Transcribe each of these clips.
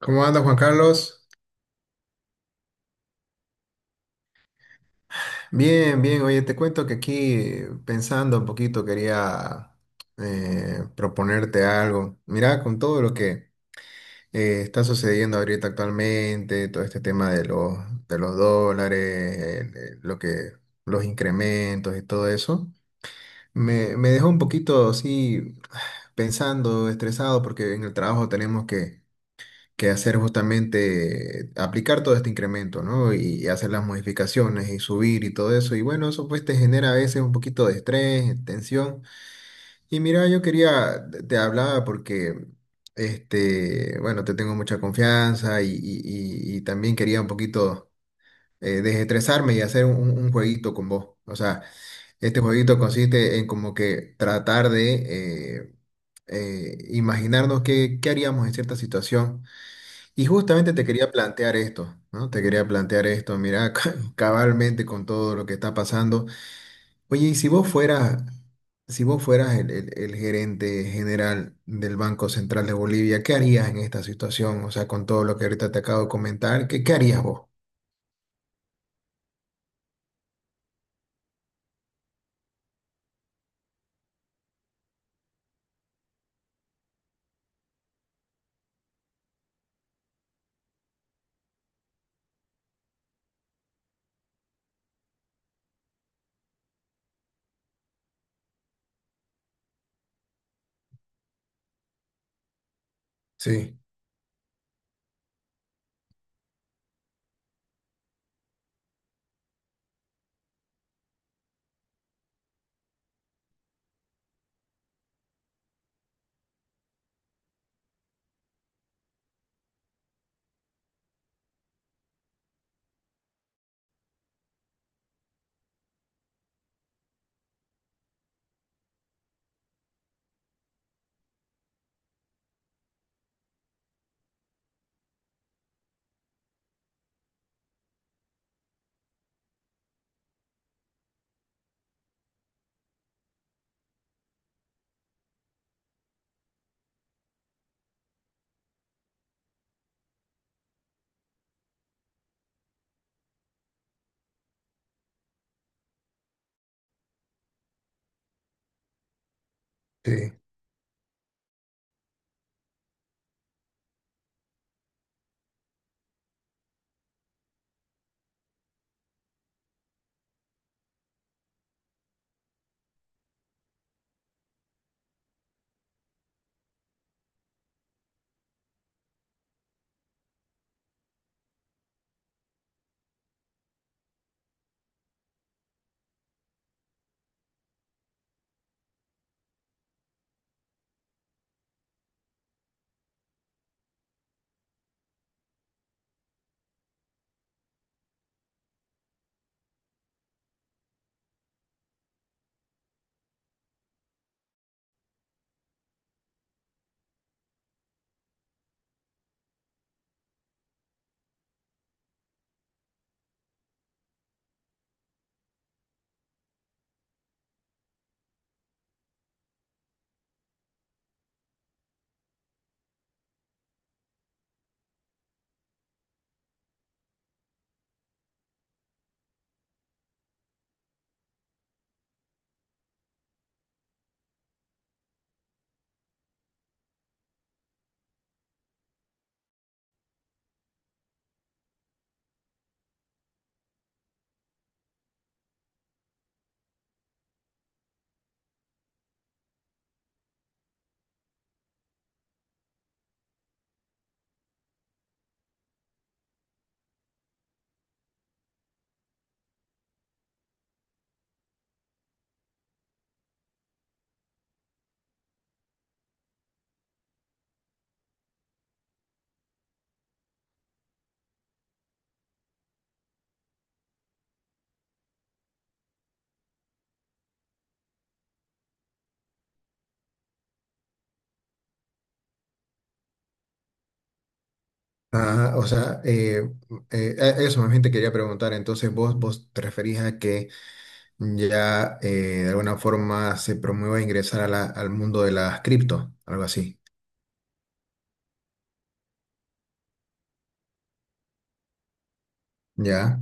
¿Cómo anda Juan Carlos? Bien, bien. Oye, te cuento que aquí pensando un poquito quería proponerte algo. Mira, con todo lo que está sucediendo ahorita actualmente, todo este tema de los dólares, lo que, los incrementos y todo eso, me dejó un poquito así pensando, estresado, porque en el trabajo tenemos que hacer justamente aplicar todo este incremento, ¿no? Y hacer las modificaciones y subir y todo eso. Y bueno, eso pues te genera a veces un poquito de estrés, tensión. Y mira, yo quería, te hablaba porque, este, bueno, te tengo mucha confianza y también quería un poquito desestresarme y hacer un jueguito con vos. O sea, este jueguito consiste en como que tratar de... eh, imaginarnos qué haríamos en cierta situación y justamente te quería plantear esto, ¿no? Te quería plantear esto, mira, cabalmente con todo lo que está pasando. Oye, si vos fueras el gerente general del Banco Central de Bolivia, ¿qué harías en esta situación? O sea, con todo lo que ahorita te acabo de comentar, ¿ qué harías vos? Sí, sí. Ajá, o sea, eso más bien te quería preguntar. Entonces, vos te referís a que ya de alguna forma se promueva ingresar a al mundo de las cripto, algo así. Ya.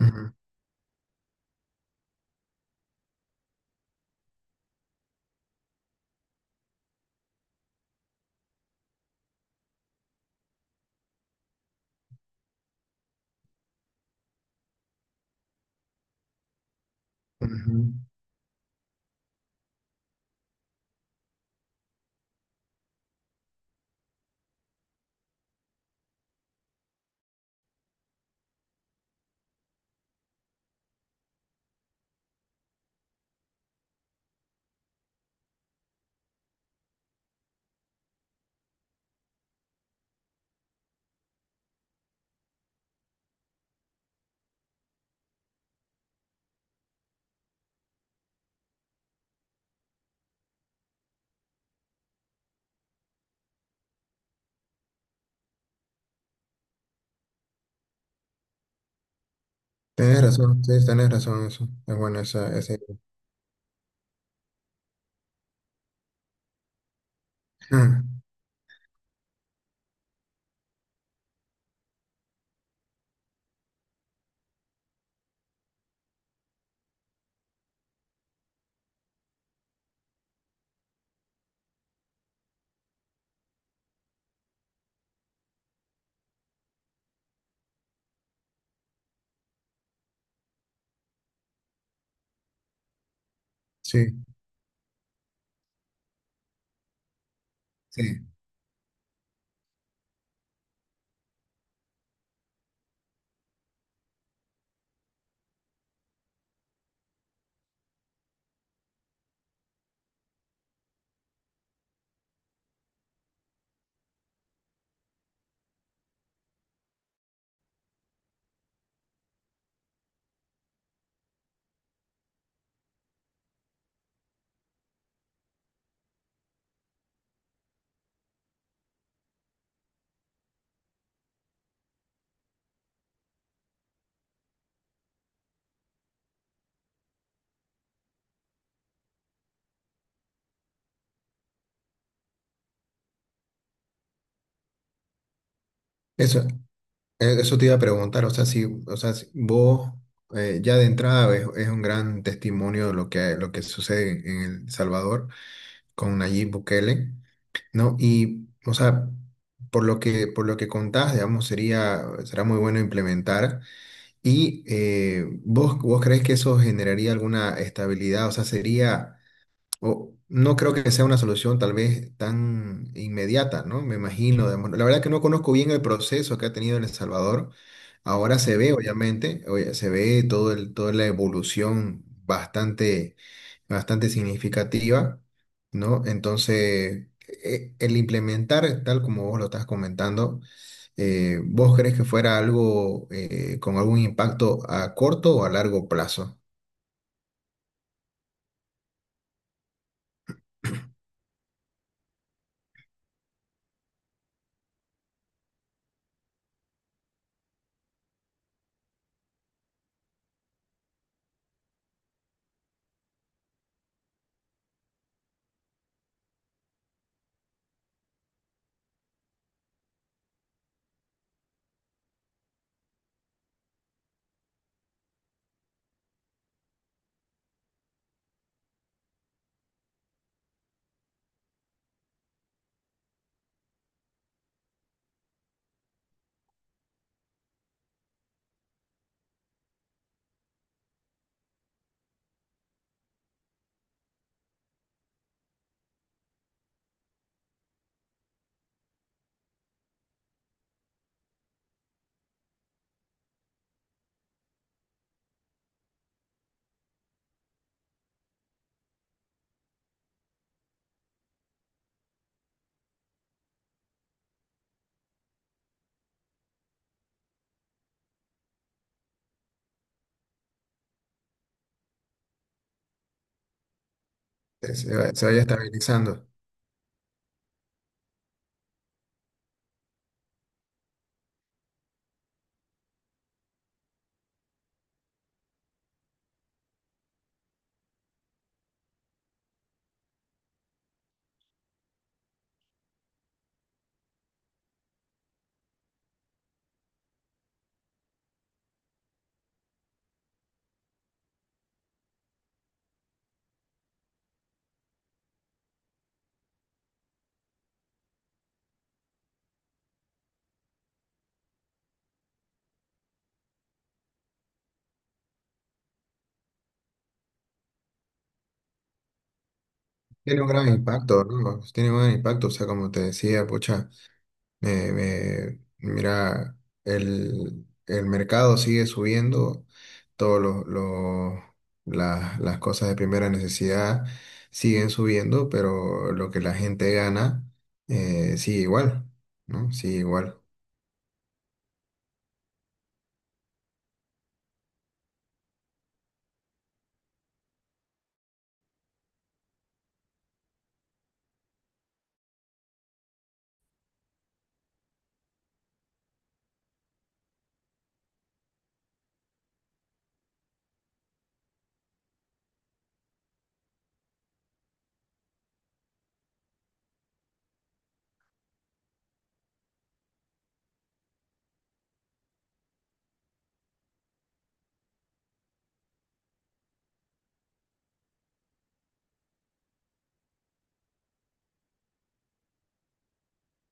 Ujú, ujú. Tienes razón, sí, tienes razón, eso. Es bueno, esa idea. Ah, sí, sí. Eso, eso te iba a preguntar, o sea, si vos ya de entrada es un gran testimonio de lo que sucede en El Salvador con Nayib Bukele, ¿no? Y, o sea, por lo que contás, digamos, sería, será muy bueno implementar. Y vos, vos crees que eso generaría alguna estabilidad, o sea, sería. O, no creo que sea una solución tal vez tan inmediata, ¿no? Me imagino, digamos. La verdad que no conozco bien el proceso que ha tenido en El Salvador. Ahora se ve, obviamente, oye, se ve todo el, toda la evolución bastante, bastante significativa, ¿no? Entonces, el implementar, tal como vos lo estás comentando, ¿vos crees que fuera algo con algún impacto a corto o a largo plazo? Se vaya estabilizando. Tiene un gran impacto, ¿no? Tiene un gran impacto, o sea, como te decía, pucha, mira, el mercado sigue subiendo, todos los, los- las cosas de primera necesidad siguen subiendo, pero lo que la gente gana sigue igual, ¿no? Sigue igual.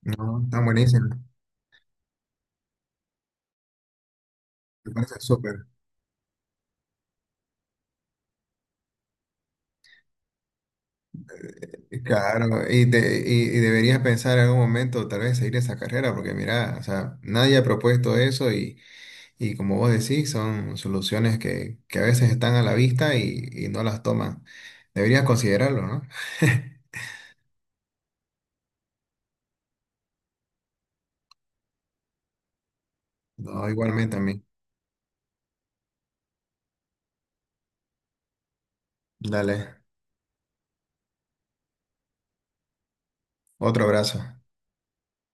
No, está buenísimo, me parece súper. Claro, y deberías pensar en algún momento tal vez seguir esa carrera, porque mira, o sea, nadie ha propuesto eso. Y como vos decís, son soluciones que a veces están a la vista y no las toman. Deberías considerarlo, ¿no? No, igualmente a mí. Dale, otro abrazo.